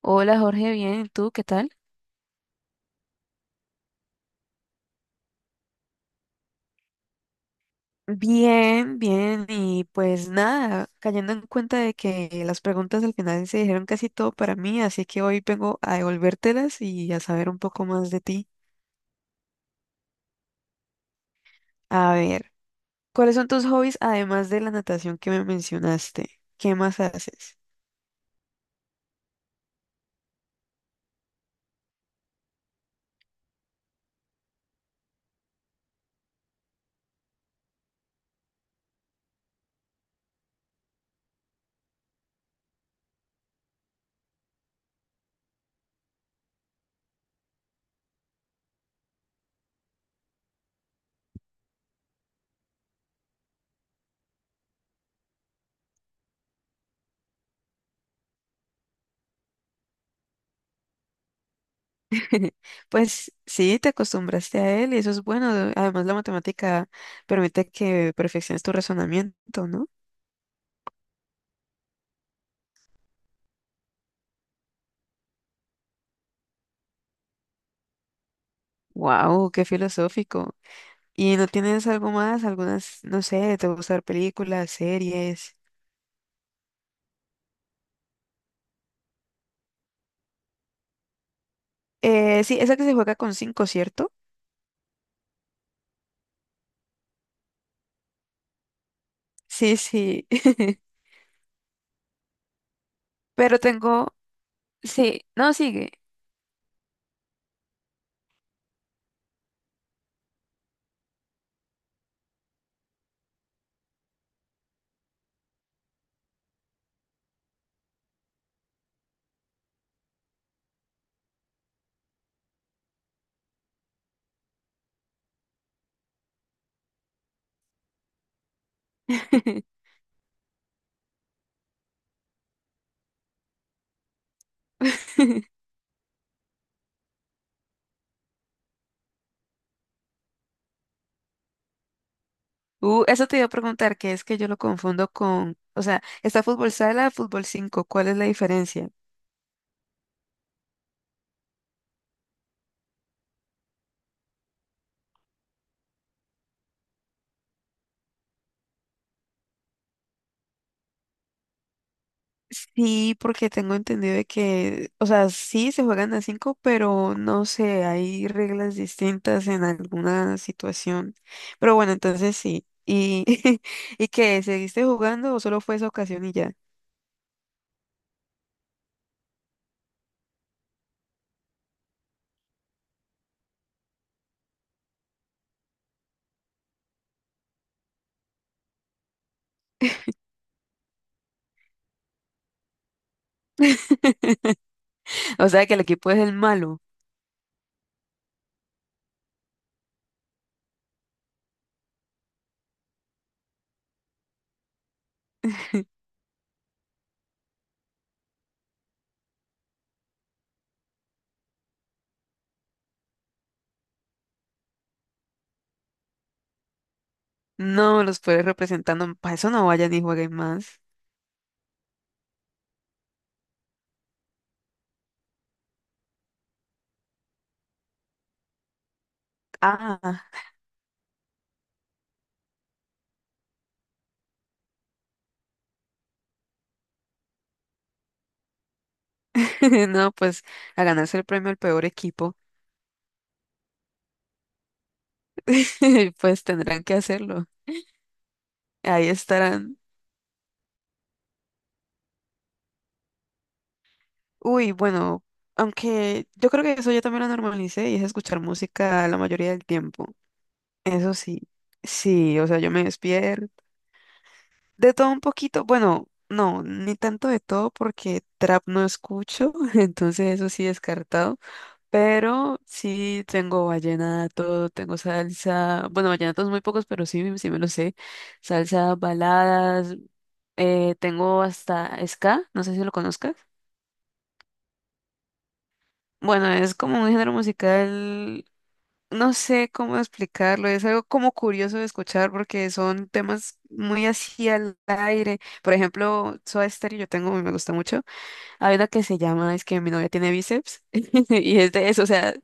Hola Jorge, bien, ¿y tú qué tal? Bien, bien, y pues nada, cayendo en cuenta de que las preguntas al final se dijeron casi todo para mí, así que hoy vengo a devolvértelas y a saber un poco más de ti. A ver, ¿cuáles son tus hobbies además de la natación que me mencionaste? ¿Qué más haces? Pues sí, te acostumbraste a él y eso es bueno. Además, la matemática permite que perfecciones tu razonamiento, ¿no? Wow, qué filosófico. ¿Y no tienes algo más? Algunas, no sé, te gusta ver películas, series. Sí, esa que se juega con cinco, ¿cierto? Sí, sí. Pero tengo, sí, no, sigue. Eso te iba a preguntar, que es que yo lo confundo con, o sea, está fútbol sala, fútbol cinco, ¿cuál es la diferencia? Sí, porque tengo entendido de que, o sea, sí se juegan a cinco, pero no sé, hay reglas distintas en alguna situación. Pero bueno, entonces sí. ¿Y, y qué? ¿Seguiste jugando o solo fue esa ocasión y ya? O sea, que el equipo es el malo. No los puedes representando. Para eso no vayan y jueguen más. Ah, no, pues a ganarse el premio al peor equipo, pues tendrán que hacerlo. Ahí estarán. Uy, bueno, aunque yo creo que eso yo también lo normalicé y es escuchar música la mayoría del tiempo. Eso sí, sí, o sea, yo me despierto de todo un poquito, bueno, no, ni tanto de todo porque trap no escucho, entonces eso sí descartado, pero sí tengo vallenato, tengo salsa, bueno, vallenatos muy pocos, pero sí, sí me lo sé, salsa, baladas, tengo hasta ska, no sé si lo conozcas. Bueno, es como un género musical. No sé cómo explicarlo, es algo como curioso de escuchar porque son temas muy así al aire. Por ejemplo, Soda Stereo, yo tengo, me gusta mucho. Hay una que se llama, es que mi novia tiene bíceps, y es de eso, o sea,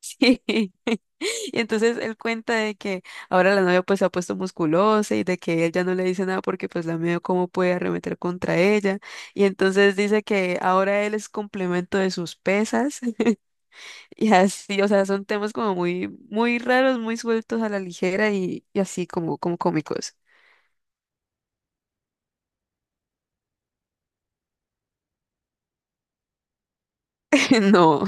sí. Y entonces él cuenta de que ahora la novia pues se ha puesto musculosa y de que él ya no le dice nada porque pues la miedo cómo puede arremeter contra ella. Y entonces dice que ahora él es complemento de sus pesas y así, o sea, son temas como muy, muy raros, muy sueltos a la ligera y así como, como cómicos. No,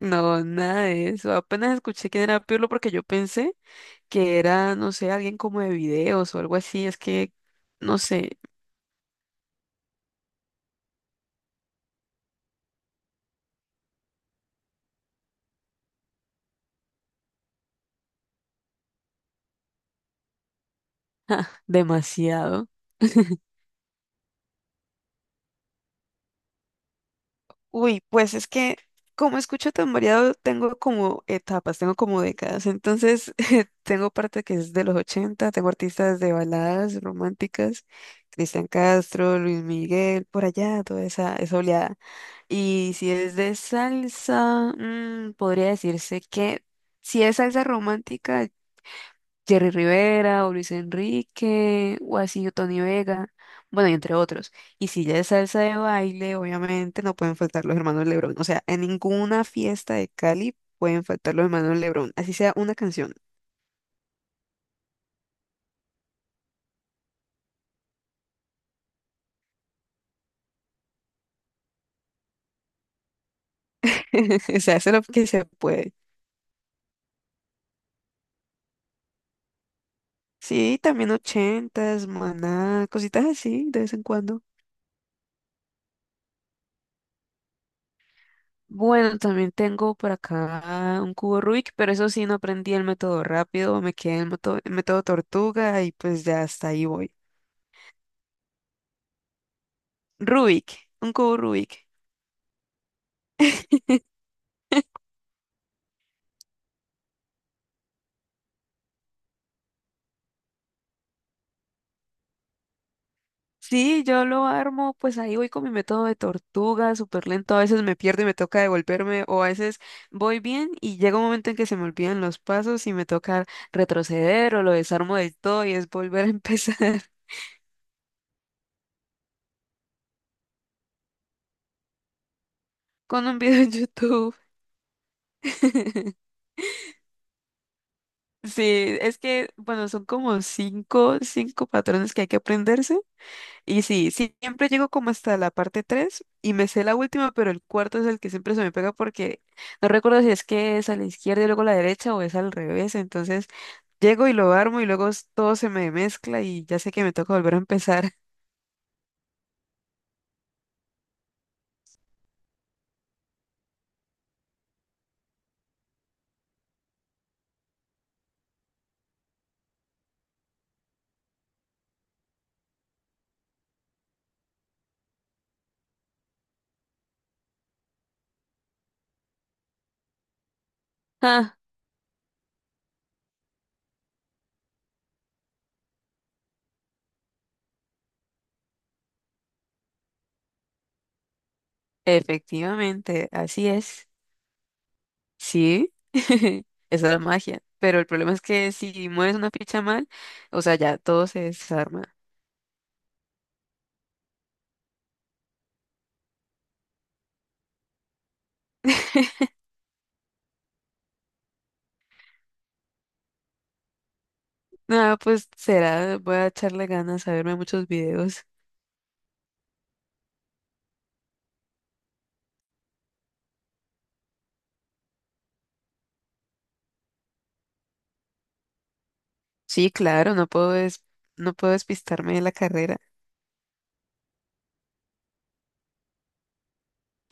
no, nada de eso. Apenas escuché quién era Pirlo porque yo pensé que era, no sé, alguien como de videos o algo así. Es que, no sé, demasiado. Uy, pues es que como escucho tan variado, tengo como etapas, tengo como décadas. Entonces, tengo parte que es de los 80, tengo artistas de baladas románticas, Cristian Castro, Luis Miguel, por allá, toda esa, esa oleada. Y si es de salsa, mm, podría decirse que si es salsa romántica, Jerry Rivera o Luis Enrique o así, o Tony Vega, bueno, y entre otros. Y si ya es salsa de baile, obviamente no pueden faltar los hermanos LeBron. O sea, en ninguna fiesta de Cali pueden faltar los hermanos LeBron, así sea una canción. O sea, eso es lo que se puede. Sí, también ochentas, maná, cositas así de vez en cuando. Bueno, también tengo por acá un cubo Rubik, pero eso sí, no aprendí el método rápido, me quedé en el método tortuga y pues ya hasta ahí voy. Rubik, un cubo Rubik. Sí, yo lo armo, pues ahí voy con mi método de tortuga, súper lento. A veces me pierdo y me toca devolverme, o a veces voy bien y llega un momento en que se me olvidan los pasos y me toca retroceder o lo desarmo del todo y es volver a empezar. Con un video en YouTube. Sí, es que, bueno, son como cinco patrones que hay que aprenderse. Y sí, sí, siempre llego como hasta la parte 3 y me sé la última, pero el cuarto es el que siempre se me pega porque no recuerdo si es que es a la izquierda y luego a la derecha o es al revés. Entonces llego y lo armo y luego todo se me mezcla y ya sé que me toca volver a empezar. Ah, efectivamente, así es. Sí, esa es la magia. Pero el problema es que si mueves una ficha mal, o sea, ya todo se desarma. Nada, pues será, voy a echarle ganas a verme muchos videos. Sí, claro, no puedo despistarme de la carrera.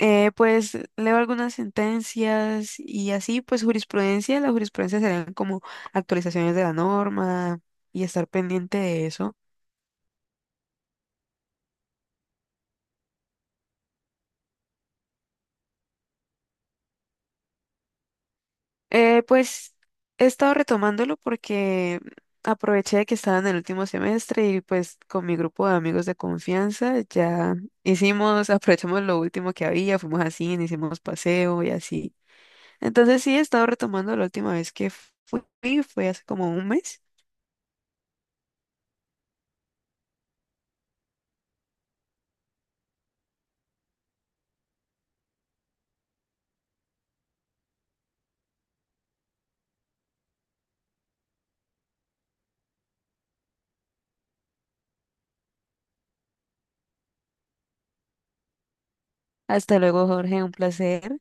Pues leo algunas sentencias y así, pues jurisprudencia, la jurisprudencia serían como actualizaciones de la norma y estar pendiente de eso. Pues he estado retomándolo porque aproveché que estaba en el último semestre y pues con mi grupo de amigos de confianza ya hicimos, aprovechamos lo último que había, fuimos a cine, hicimos paseo y así. Entonces sí, he estado retomando la última vez que fui, fue hace como un mes. Hasta luego, Jorge, un placer.